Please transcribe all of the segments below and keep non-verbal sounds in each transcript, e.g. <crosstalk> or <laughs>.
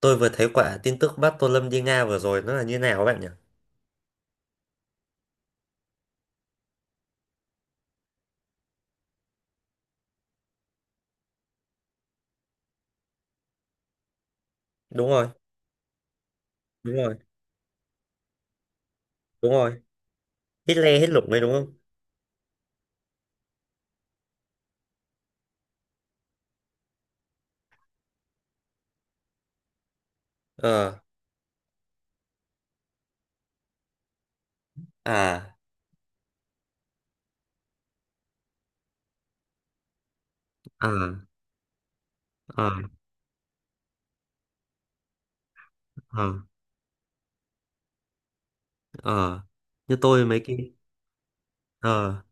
Tôi vừa thấy quả tin tức bắt Tô Lâm đi Nga vừa rồi nó là như nào các bạn nhỉ? Đúng rồi, đúng rồi, đúng rồi. Hết le hết lủng đấy đúng không? Ờ, à, à, ờ, ờ, ờ. Như tôi mấy cái, ờ,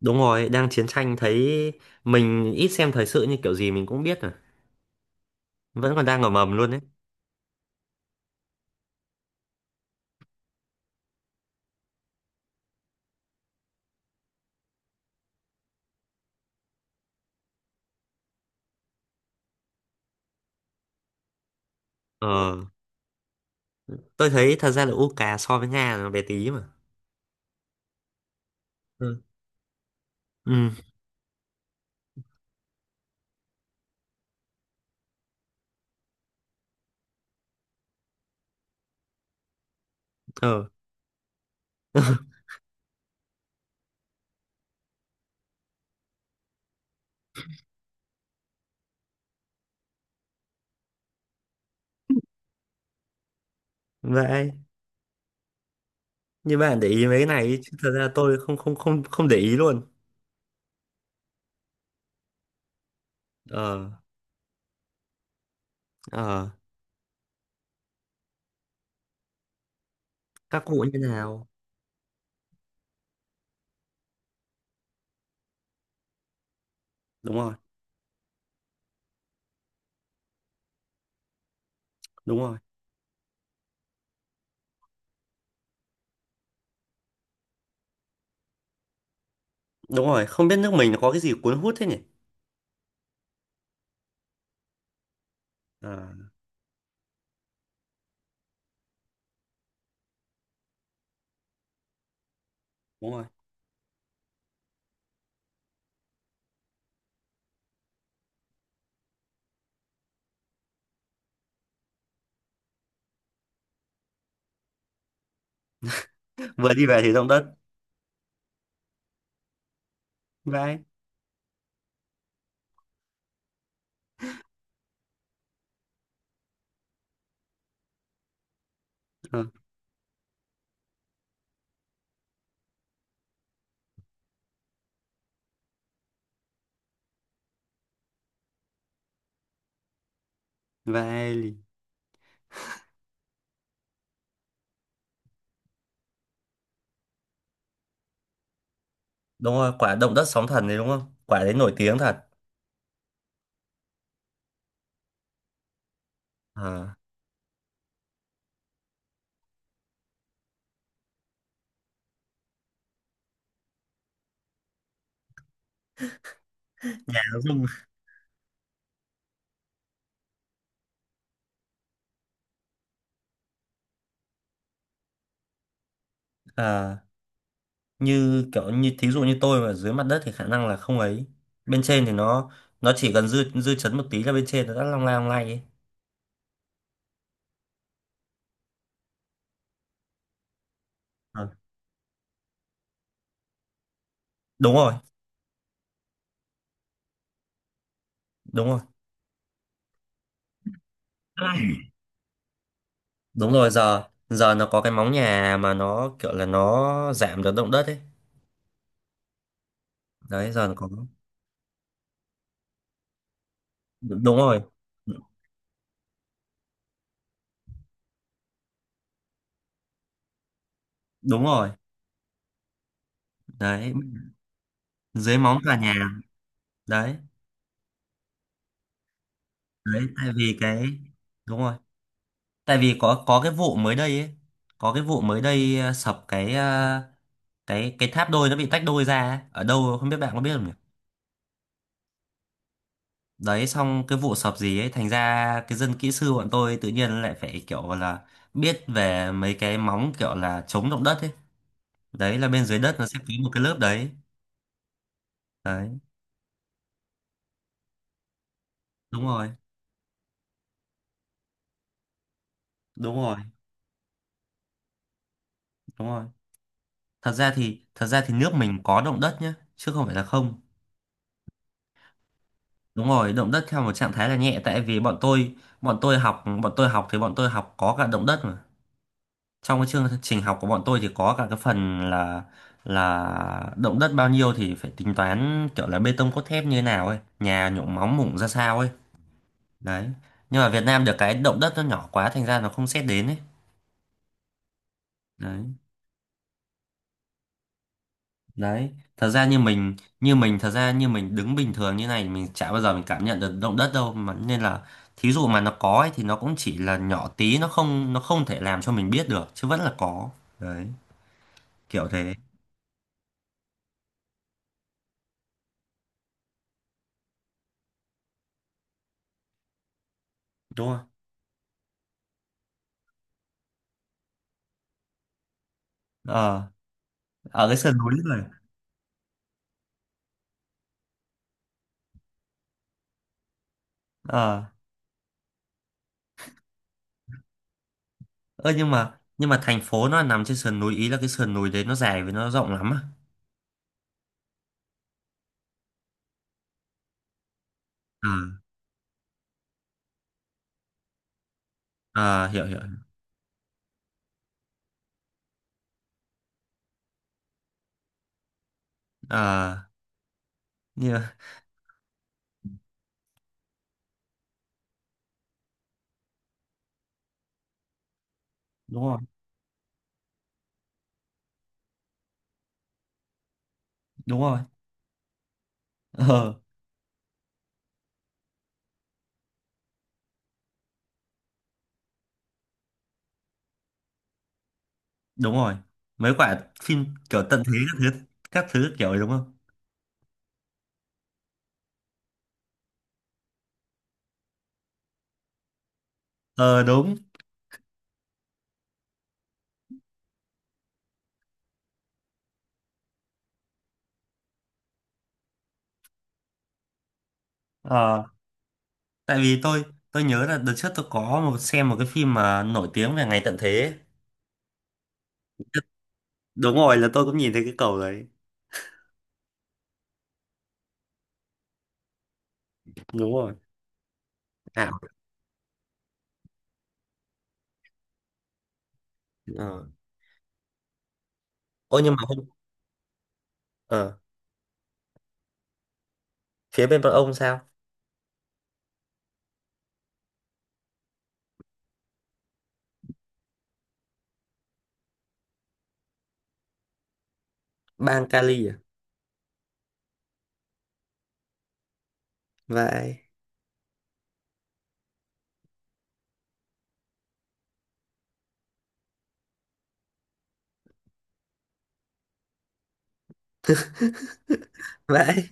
đúng rồi, đang chiến tranh thấy mình ít xem thời sự như kiểu gì mình cũng biết rồi. Vẫn còn đang ở mầm luôn đấy. Ờ, tôi thấy thật ra là UK so với Nga là nó bé tí mà. Ừ, ừ, ờ, vậy. Như bạn để ý mấy cái này chứ thật ra tôi không không không không để ý luôn. Ờ. Ờ, các cụ như nào. Đúng rồi, đúng rồi, đúng rồi, không biết nước mình nó có cái gì cuốn hút thế nhỉ. Ờ, đúng rồi, vừa đi về thì động đất. Vai, ờ, vai lì. Đúng rồi, quả động đất sóng thần đấy đúng không, quả đấy nổi tiếng thật. Ờ, áo dung. À, như kiểu như thí dụ như tôi mà dưới mặt đất thì khả năng là không ấy, bên trên thì nó chỉ cần dư dư chấn một tí là bên trên nó đã long lay ấy. Ờ, đúng rồi, đúng rồi. Ai, đúng rồi, giờ giờ nó có cái móng nhà mà nó kiểu là nó giảm được động đất ấy. Đấy giờ nó có đúng rồi, đúng rồi. Đấy dưới móng cả nhà. Đấy, đấy tại vì đúng rồi, tại vì có cái vụ mới đây ấy, có cái vụ mới đây, ờ, sập cái tháp đôi nó bị tách đôi ra ấy. Ở đâu không biết, bạn có biết không nhỉ? Đấy xong cái vụ sập gì ấy, thành ra cái dân kỹ sư bọn tôi tự nhiên lại phải kiểu là biết về mấy cái móng kiểu là chống động đất ấy. Đấy là bên dưới đất nó sẽ có một cái lớp đấy. Đấy, đúng rồi, đúng rồi, đúng rồi. Thật ra thì thật ra thì nước mình có động đất nhá, chứ không phải là không. Đúng rồi, động đất theo một trạng thái là nhẹ, tại vì bọn tôi học thì bọn tôi học có cả động đất mà. Trong cái chương trình học của bọn tôi thì có cả cái phần là động đất bao nhiêu thì phải tính toán kiểu là bê tông cốt thép như thế nào ấy, nhà nhộn móng mủng ra sao ấy. Đấy, nhưng mà Việt Nam được cái động đất nó nhỏ quá thành ra nó không xét đến ấy. Đấy. Đấy thật ra như mình như mình, thật ra như mình đứng bình thường như này mình chả bao giờ mình cảm nhận được động đất đâu mà, nên là thí dụ mà nó có ấy, thì nó cũng chỉ là nhỏ tí, nó không thể làm cho mình biết được chứ vẫn là có. Đấy kiểu thế. Đúng không? Ờ, ở cái sườn núi này. Ờ, ơ nhưng mà thành phố nó nằm trên sườn núi ý là cái sườn núi đấy nó dài với nó rộng lắm à? Ờ, ờ, hiểu hiểu. Ờ, như đúng rồi, đúng rồi. Ờ, đúng rồi. Mấy quả phim kiểu tận thế các thứ, các thứ kiểu ấy đúng không? Ờ, đúng. Ờ, tại vì tôi nhớ là đợt trước tôi có một xem một cái phim mà nổi tiếng về ngày tận thế ấy. Đúng rồi, là tôi cũng nhìn thấy cái cầu đấy. Đúng rồi, ảo. Ờ, ôi nhưng mà không. Ờ, phía bên bọn ông sao? Bang Cali à? Vậy, vậy,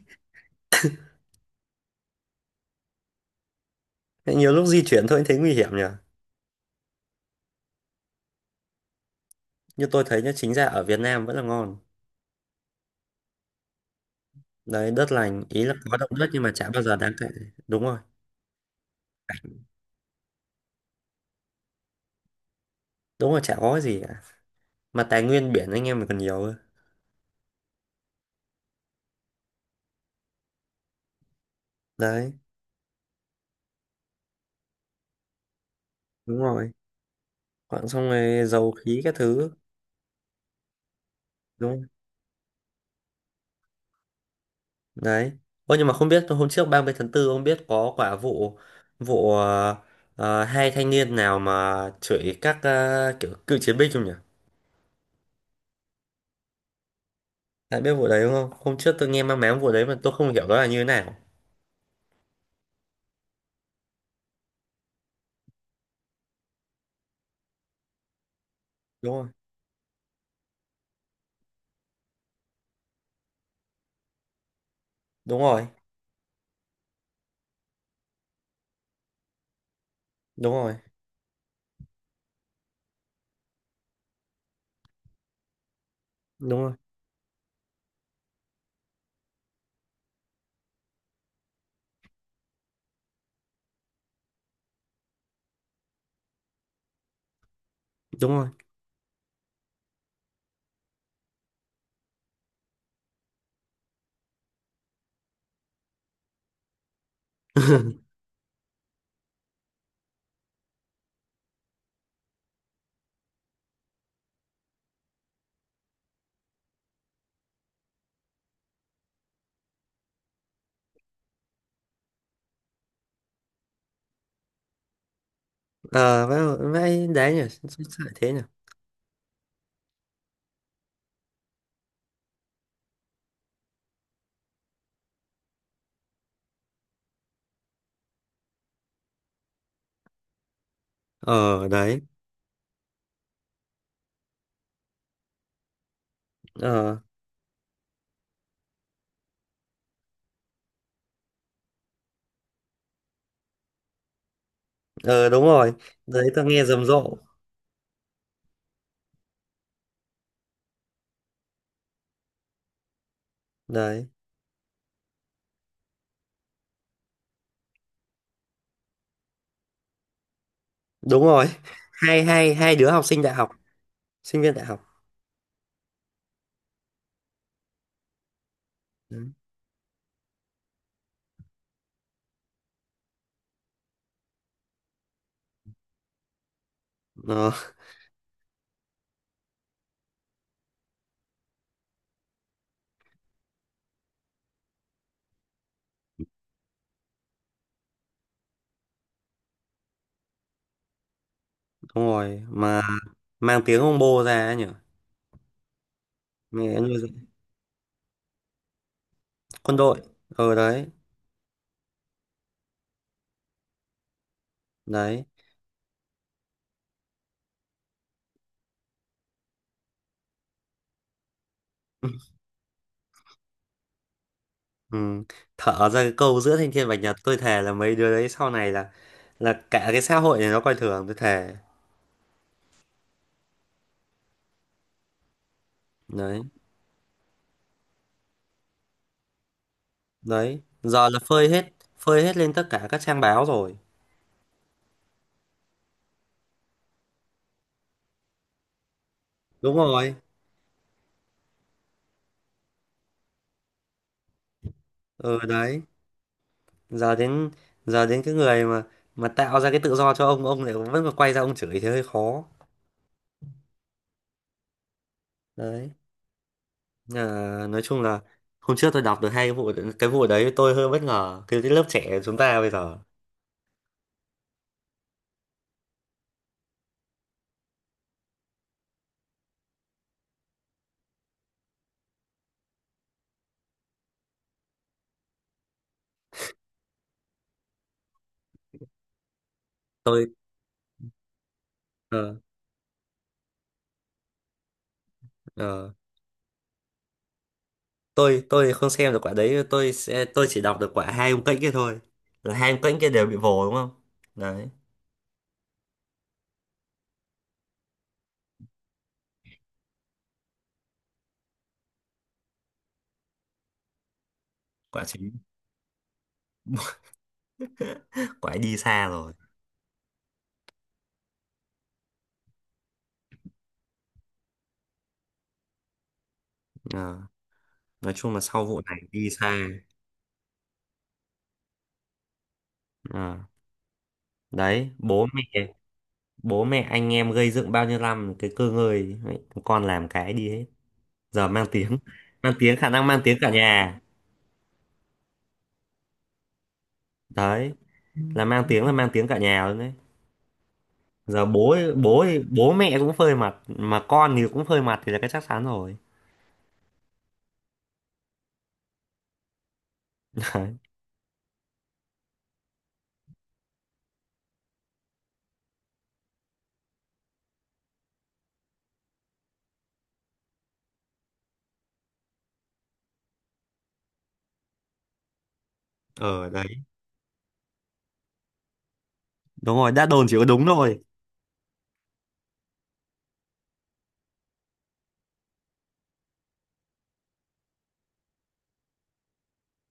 nhiều lúc di chuyển thôi thấy nguy hiểm nhỉ. Như tôi thấy nhá, chính ra ở Việt Nam vẫn là ngon. Đấy đất lành ý là có động đất nhưng mà chả bao giờ đáng kể. Đúng rồi, đúng rồi, chả có cái gì cả, mà tài nguyên biển anh em mình còn nhiều cơ. Đấy, đúng rồi, quặng xong rồi dầu khí các thứ. Đúng không? Đấy, ô nhưng mà không biết hôm trước 30/4 ông biết có quả vụ, vụ, ờ, ờ, hai thanh niên nào mà chửi các, ờ, kiểu cựu chiến binh không nhỉ? Đã biết vụ đấy đúng không? Hôm trước tôi nghe mang máng vụ đấy mà tôi không hiểu đó là như thế nào. Đúng rồi, đúng rồi, đúng rồi, đúng rồi, đúng rồi. Ờ vậy, vãi đấy nhỉ. Sao lại thế nhỉ? Ờ đấy. Ờ, ờ, đúng rồi. Đấy tôi nghe rầm rộ. Đấy, đúng rồi, hai hai hai đứa học sinh đại học, sinh viên đại học. Đấy. Ờ, đúng rồi mà, mang tiếng ông bô ra ấy nhỉ. Mẹ nuôi dạy. Quân đội. Ờ, đấy. Đấy. Ừ, thở ra cái câu giữa thanh thiên bạch nhật tôi thề là mấy đứa đấy sau này là cả cái xã hội này nó coi thường, tôi thề. Đấy, đấy giờ là phơi hết, phơi hết lên tất cả các trang báo rồi. Đúng rồi. Ờ đấy, giờ đến giờ đến cái người mà tạo ra cái tự do cho ông lại vẫn còn quay ra ông chửi thì hơi khó. Đấy. À, nói chung là hôm trước tôi đọc được hai cái vụ, cái vụ đấy tôi hơi bất ngờ cái lớp trẻ chúng ta bây giờ. Tôi ờ, ờ, Tôi không xem được quả đấy, tôi sẽ tôi chỉ đọc được quả hai ông kênh kia thôi. Là hai ông kênh kia đều bị vồ đúng không? Đấy quả chính. <laughs> Quả ấy đi xa rồi. Ờ, nói chung là sau vụ này đi xa. Ờ, đấy bố mẹ, bố mẹ anh em gây dựng bao nhiêu năm cái cơ ngơi ấy, con làm cái đi hết. Giờ mang tiếng. <laughs> Mang tiếng, khả năng mang tiếng cả nhà. Đấy là mang tiếng, là mang tiếng cả nhà luôn đấy. Giờ bố, bố mẹ cũng phơi mặt mà con thì cũng phơi mặt thì là cái chắc chắn rồi. <laughs> Đấy. Ờ đấy, đúng rồi, đã đồn chỉ có đúng thôi.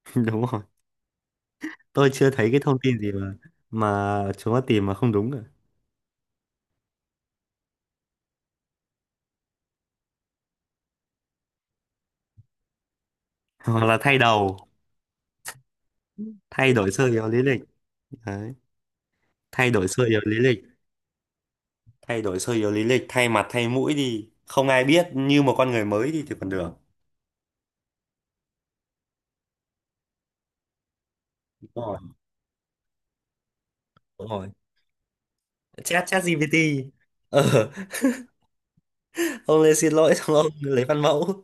<laughs> Đúng rồi, tôi chưa thấy cái thông tin gì mà chúng nó tìm mà không đúng cả. <laughs> Hoặc là thay đầu, thay đổi sơ yếu lý lịch. Đấy, thay đổi sơ yếu lý lịch, thay đổi sơ yếu lý lịch, thay mặt thay mũi đi không ai biết như một con người mới đi thì còn được. Đúng rồi, đúng rồi, chat chat GPT. Ờ, <laughs> ông lên xin lỗi xong ông lấy văn mẫu.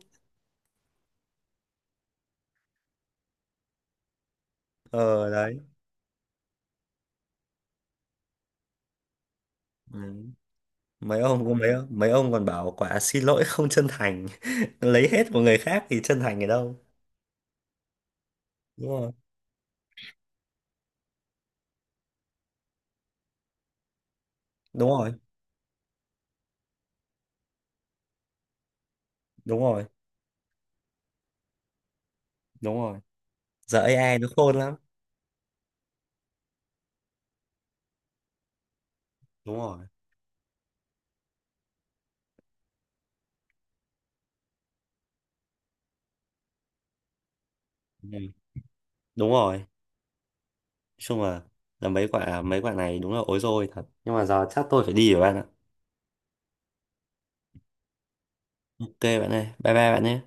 Ờ đấy. Ừ. Mấy ông còn bảo quả xin lỗi không chân thành, <laughs> lấy hết của người khác thì chân thành ở đâu? Đúng rồi, đúng rồi, đúng rồi, đúng rồi, giờ AI nó khôn lắm. Đúng rồi. Ừ, đúng rồi, nói chung là mấy quả này đúng là ối rồi thật, nhưng mà giờ chắc tôi phải đi rồi bạn ạ. OK bạn ơi, bye bye bạn nhé.